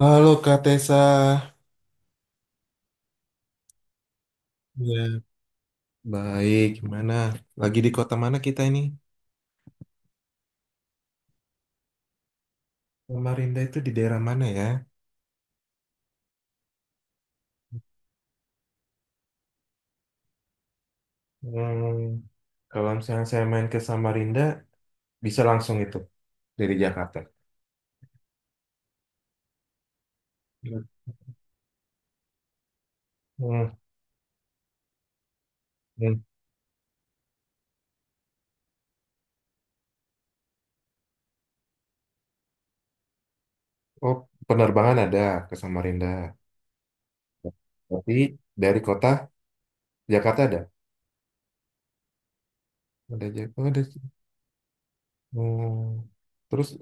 Halo Kak Tessa. Ya, baik. Gimana? Lagi di kota mana kita ini? Samarinda itu di daerah mana ya? Hmm, kalau misalnya saya main ke Samarinda, bisa langsung itu dari Jakarta. Hmm, hmm. Oh, penerbangan ada ke Samarinda. Tapi dari kota Jakarta ada. Ada Jakarta. Oh, ada. Hmm. Terus,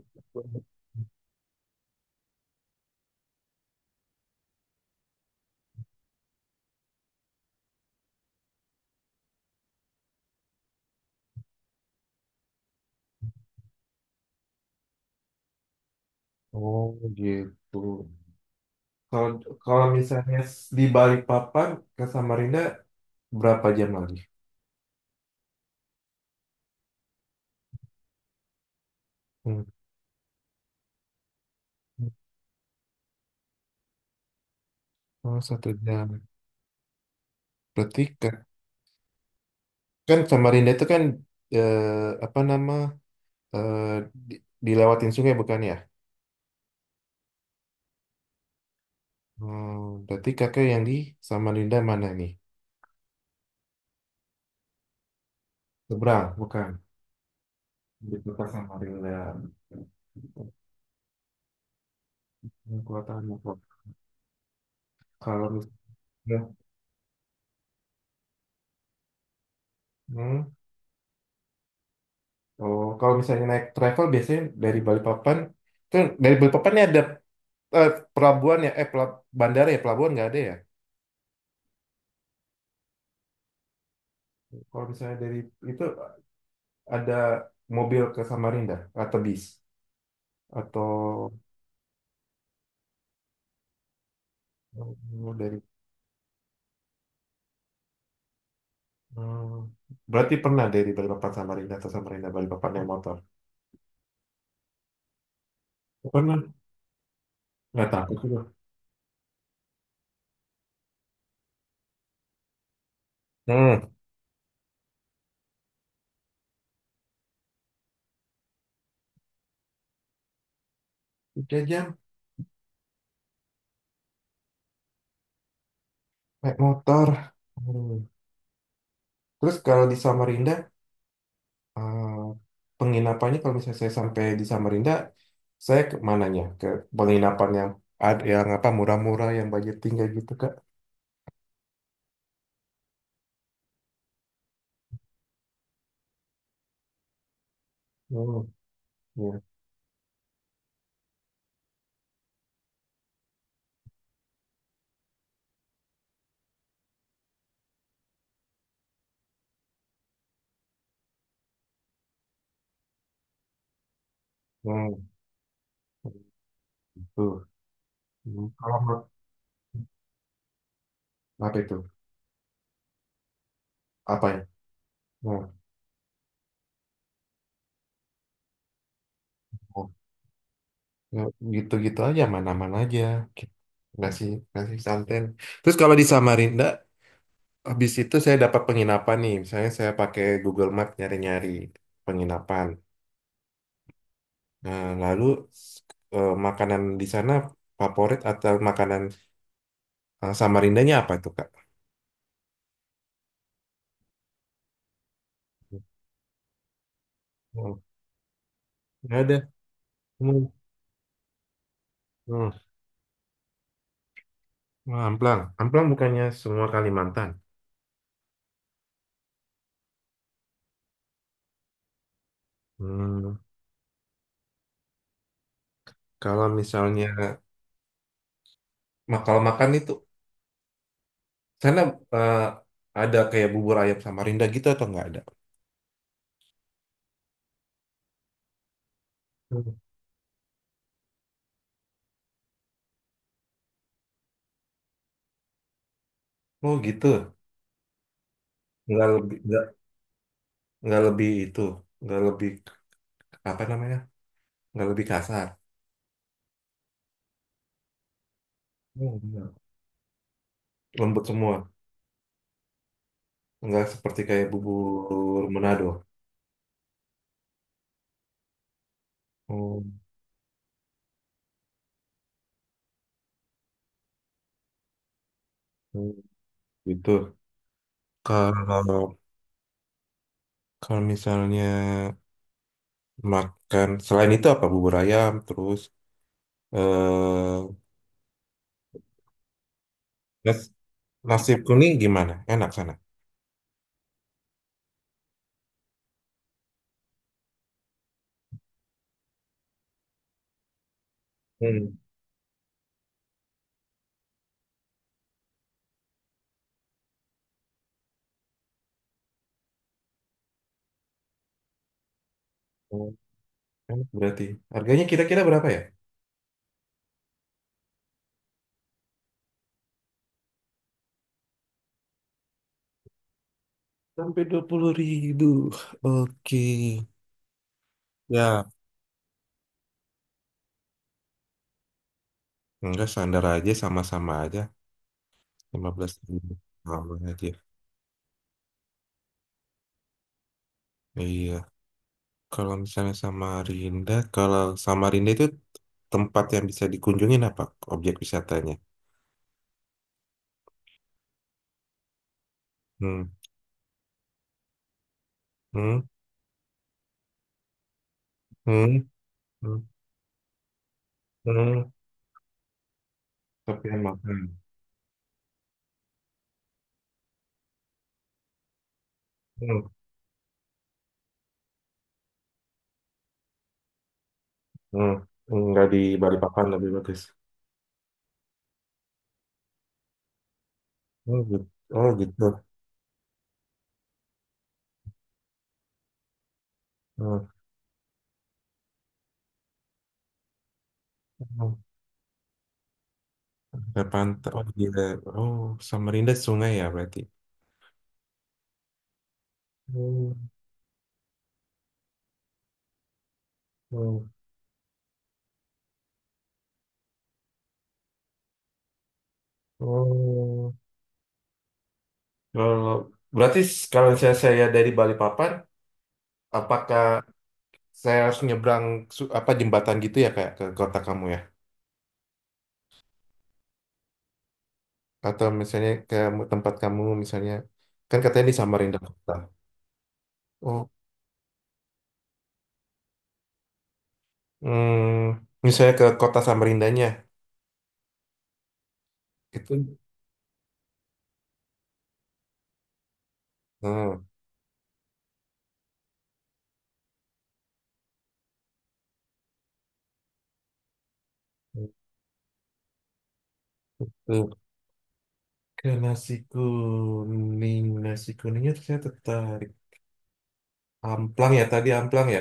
oh gitu. Kalau kalau misalnya di Balikpapan ke Samarinda berapa jam lagi? Hmm. Oh, 1 jam. Berarti kan Samarinda itu kan eh, apa nama eh, dilewatin sungai bukan ya? Hmm, berarti kakak yang di Samarinda mana nih? Seberang, bukan. Di kota Samarinda. Hmm, Kota Depok. Kalau misalnya, hmm, oh, kalau misalnya naik travel biasanya dari Balikpapan, kan dari Balikpapan ini ada eh, pelabuhan ya, bandara ya, pelabuhan nggak ada ya? Kalau misalnya dari itu ada mobil ke Samarinda atau bis atau oh, dari berarti pernah dari Balikpapan Samarinda atau Samarinda Balikpapan naik motor, pernah, nggak takut juga. Hmm. 3 jam naik motor. Hmm. Terus kalau di Samarinda eh, penginapannya kalau misalnya saya sampai di Samarinda saya ke mananya ke penginapan yang yang apa murah-murah yang budget tinggal gitu Kak. Hmm. Ya. Hmm. Tuh. Hmm. Apa itu? Apa ya? Nah, nah, nah, gitu-gitu aja, mana-mana aja. Gitu. Ngasih santen. Terus kalau di Samarinda, habis itu saya dapat penginapan nih. Misalnya saya pakai Google Map nyari-nyari penginapan. Nah, lalu s- makanan di sana favorit atau makanan Samarindanya apa itu, Kak? Hmm, nggak ada. Hmm, hmm. Wah, amplang. Amplang bukannya semua Kalimantan. Hmm, kalau misalnya, kalau makan itu sana eh, ada kayak bubur ayam Samarinda gitu atau nggak ada? Hmm. Oh gitu. Nggak lebih nggak nggak lebih itu, nggak lebih apa namanya? Nggak lebih kasar. Oh, iya. Lembut semua. Nggak seperti kayak bubur Manado. Oh, oh, gitu. Kalau kalau misalnya makan selain itu apa bubur ayam terus eh nas- nasi kuning gimana? Enak sana. Hmm. Oh, enak berarti. Harganya kira-kira berapa ya? Sampai 20 ribu. Oke. Ya, enggak standar aja sama-sama aja. 15 ribu. Sama aja. Iya. Kalau misalnya Samarinda, kalau Samarinda itu tempat yang bisa dikunjungin apa objek wisatanya? Hmm, hmm, hmm, hmm, hmm. Tapi yang makan. Hmm, hmm. Enggak di Balikpapan lebih bagus. Oh gitu. Oh gitu. Hmm. Hmm. Ada pantai. Oh, gila. Oh, Samarinda sungai ya berarti. Hmm. Hmm. Oh, kalau berarti kalau saya dari Balikpapan, apakah saya harus nyebrang apa jembatan gitu ya kayak ke kota kamu ya? Atau misalnya ke tempat kamu misalnya kan katanya di Samarinda kota. Oh, hmm, misalnya ke kota Samarindanya itu. Nah, itu ke nasi kuning, nasi kuningnya saya tertarik. Amplang ya tadi amplang ya.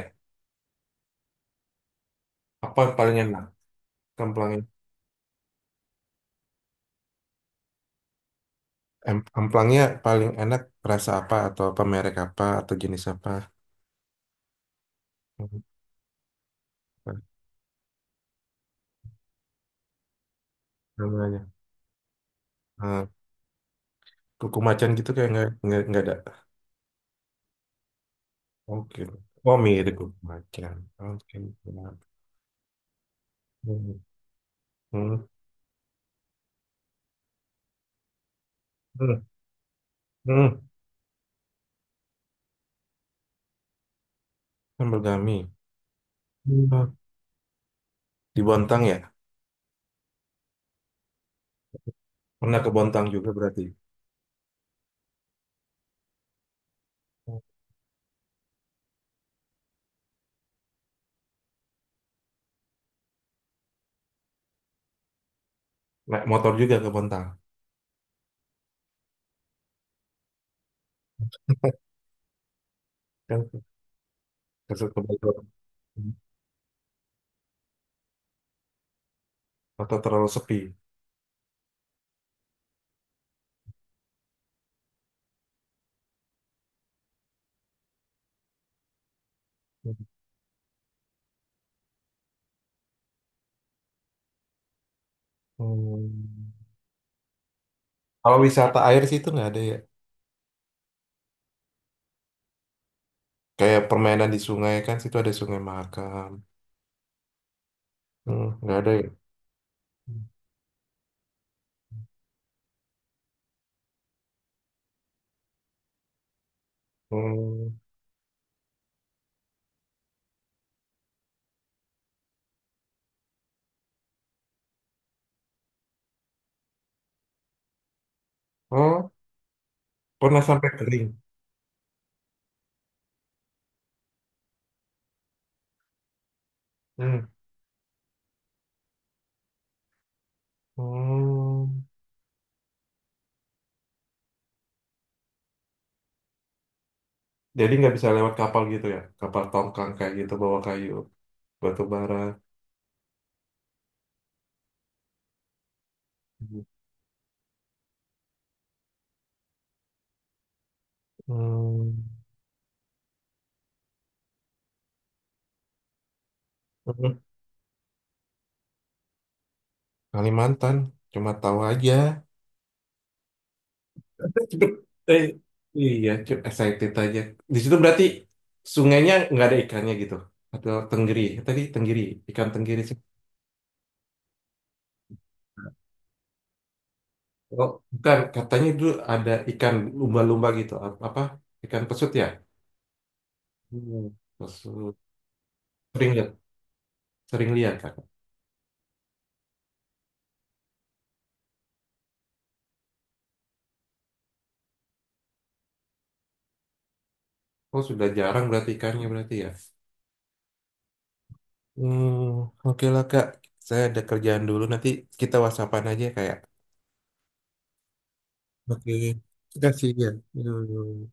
Apa yang paling enak? Amplang. Amplangnya paling enak rasa apa atau apa merek apa atau jenis apa? Hmm, apa namanya? Eh, kuku macan gitu kayak nggak ada. Oke. Oh mirip kuku macan. Oke. Hmm. Hmm. Hmm. Hmm. Sambal gami. Hmm. Di Bontang ya? Pernah ke Bontang juga berarti. Naik motor juga ke Bontang. Kan ke Bogor. Atau terlalu sepi. Hmm. Kalau wisata air sih itu nggak ada ya. Kayak permainan di sungai kan, situ ada Sungai Mahakam. Hmm, nggak ada ya? Hmm. Oh, pernah sampai kering. Hmm. Hmm. Jadi nggak bisa lewat kapal gitu ya? Kapal tongkang kayak gitu bawa kayu, batu bara. Hmm. Hmm. Kalimantan, cuma tahu aja. Cepet. Eh, iya, cukup excited aja. Di situ berarti sungainya nggak ada ikannya gitu. Atau tenggiri. Tadi tenggiri, ikan tenggiri sih. Oh, bukan. Katanya itu ada ikan lumba-lumba gitu. Apa? Ikan pesut ya? Hmm, pesut. Sering lihat. Sering lihat, Kak. Oh, sudah jarang berarti ikannya berarti ya. Hmm, oke lah, Kak. Saya ada kerjaan dulu. Nanti kita whatsappan aja kayak. Oke. Terima kasih ya. Hmm.